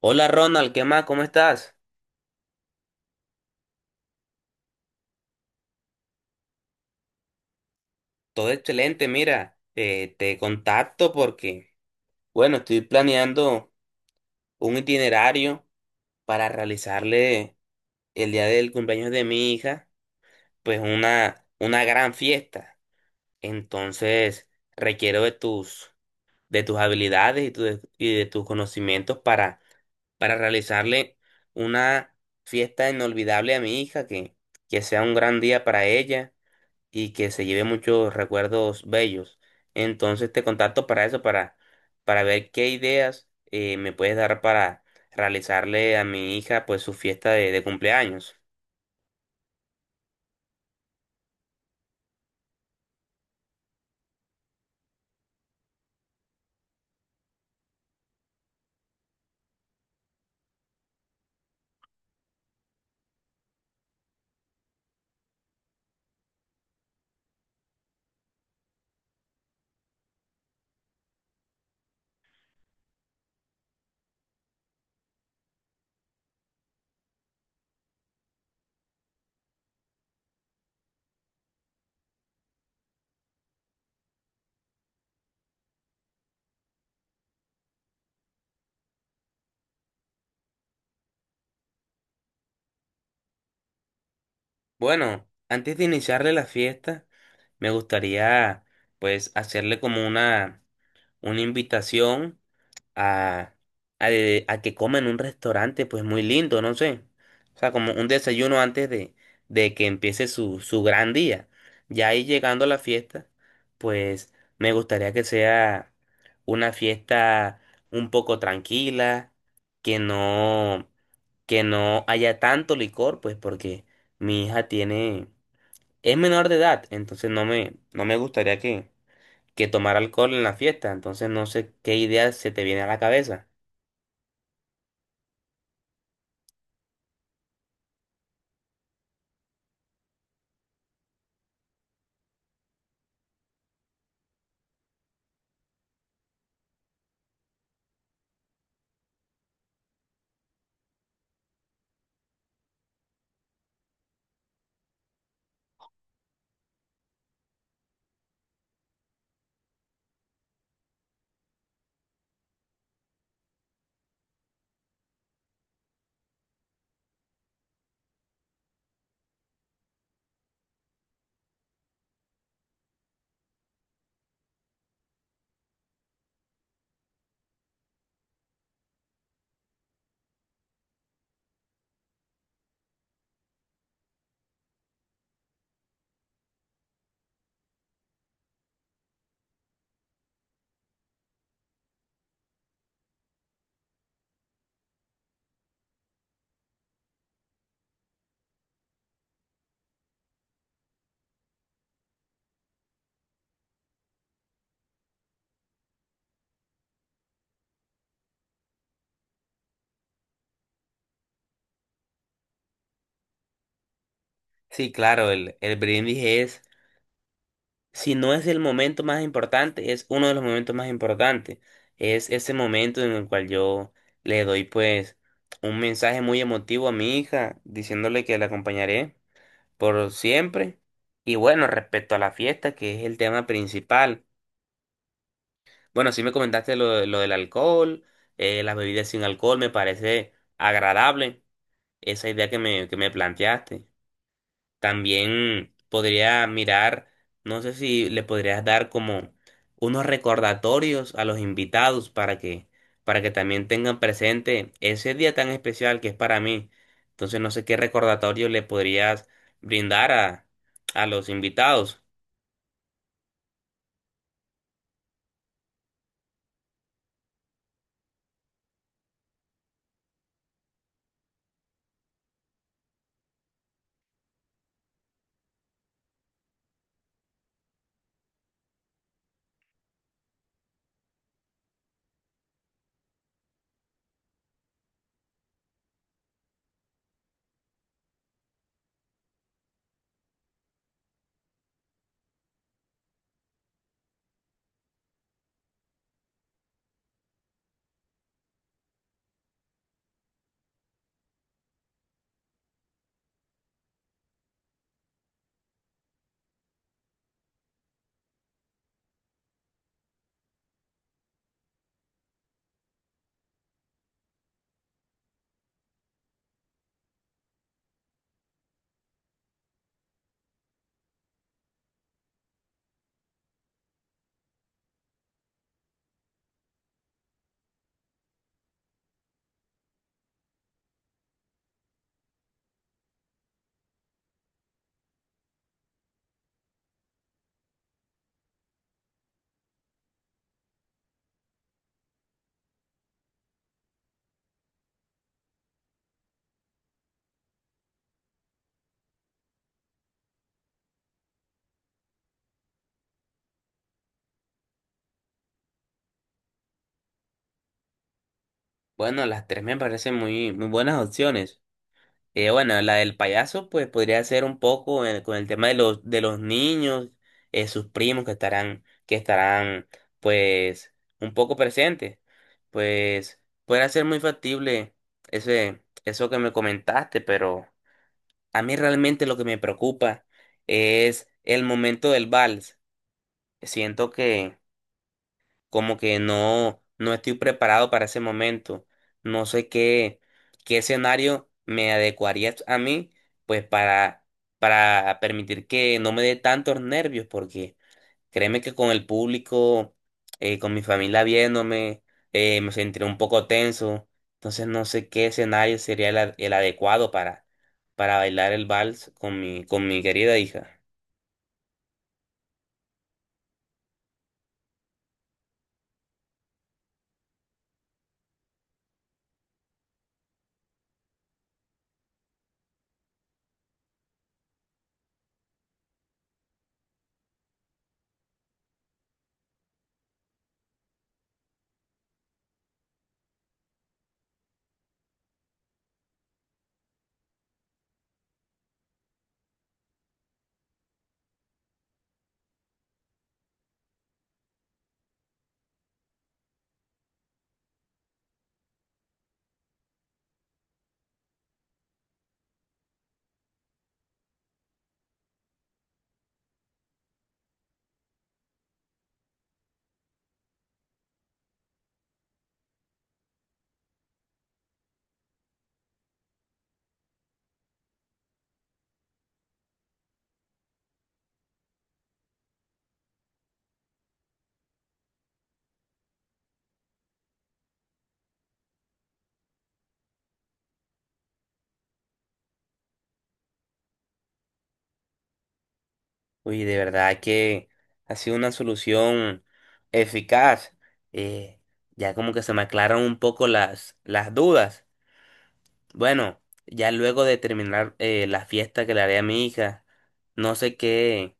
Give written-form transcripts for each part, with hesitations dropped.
Hola Ronald, ¿qué más? ¿Cómo estás? Todo excelente, mira, te contacto porque, bueno, estoy planeando un itinerario para realizarle el día del cumpleaños de mi hija, pues una gran fiesta. Entonces, requiero de tus habilidades y, y de tus conocimientos para realizarle una fiesta inolvidable a mi hija, que sea un gran día para ella y que se lleve muchos recuerdos bellos. Entonces te contacto para eso, para ver qué ideas me puedes dar para realizarle a mi hija pues su fiesta de cumpleaños. Bueno, antes de iniciarle la fiesta, me gustaría pues hacerle como una invitación a, a que coma en un restaurante, pues muy lindo, no sé. O sea, como un desayuno antes de que empiece su gran día. Ya ahí llegando a la fiesta, pues me gustaría que sea una fiesta un poco tranquila, que no, que no haya tanto licor, pues porque mi hija tiene, es menor de edad, entonces no me gustaría que tomara alcohol en la fiesta, entonces no sé qué idea se te viene a la cabeza. Sí, claro, el brindis es, si no es el momento más importante, es uno de los momentos más importantes. Es ese momento en el cual yo le doy pues un mensaje muy emotivo a mi hija, diciéndole que la acompañaré por siempre. Y bueno, respecto a la fiesta, que es el tema principal. Bueno, sí me comentaste lo del alcohol, las bebidas sin alcohol, me parece agradable esa idea que me planteaste. También podría mirar, no sé si le podrías dar como unos recordatorios a los invitados para que también tengan presente ese día tan especial que es para mí. Entonces no sé qué recordatorio le podrías brindar a los invitados. Bueno, las tres me parecen muy buenas opciones. Bueno, la del payaso, pues podría ser un poco con el tema de de los niños, sus primos que estarán, pues, un poco presentes. Pues, podría ser muy factible eso que me comentaste, pero a mí realmente lo que me preocupa es el momento del vals. Siento que como que no, no estoy preparado para ese momento. No sé qué escenario me adecuaría a mí, pues para permitir que no me dé tantos nervios, porque créeme que con el público, con mi familia viéndome, me sentiré un poco tenso. Entonces no sé qué escenario sería el adecuado para bailar el vals con con mi querida hija. Uy, de verdad que ha sido una solución eficaz. Eh, ya como que se me aclaran un poco las dudas. Bueno, ya luego de terminar la fiesta que le haré a mi hija, no sé qué,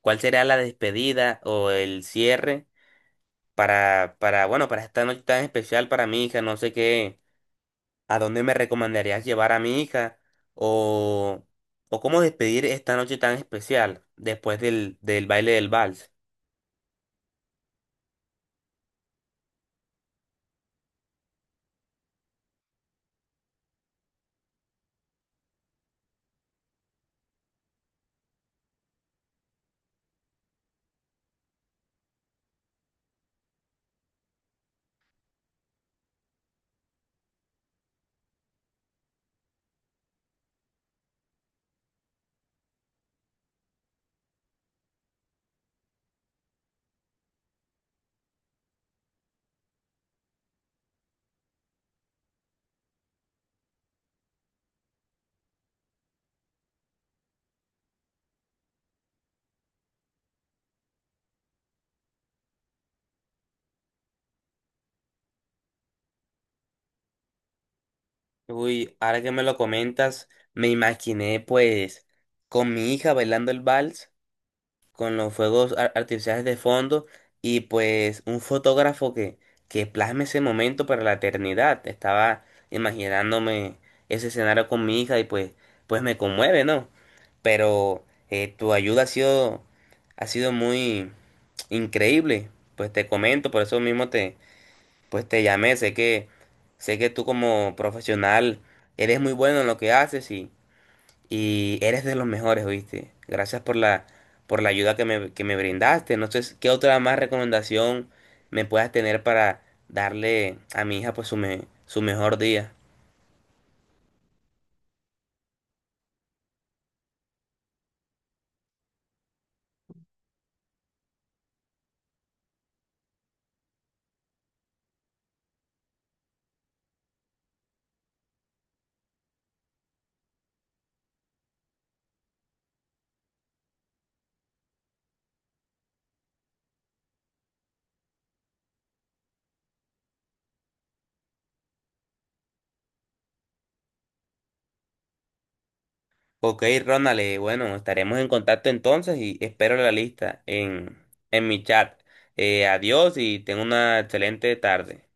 cuál será la despedida o el cierre bueno, para esta noche tan especial para mi hija, no sé qué, a dónde me recomendarías llevar a mi hija o, o cómo despedir esta noche tan especial después del baile del vals. Uy, ahora que me lo comentas, me imaginé pues con mi hija bailando el vals, con los fuegos artificiales de fondo y pues un fotógrafo que plasme ese momento para la eternidad. Estaba imaginándome ese escenario con mi hija y pues, pues me conmueve, ¿no? Pero tu ayuda ha sido muy increíble, pues te comento, por eso mismo pues te llamé, sé que tú como profesional eres muy bueno en lo que haces y eres de los mejores, ¿viste? Gracias por por la ayuda que me brindaste. No sé qué otra más recomendación me puedas tener para darle a mi hija pues su mejor día. Ok, Ronald, bueno, estaremos en contacto entonces y espero la lista en mi chat. Adiós y ten una excelente tarde.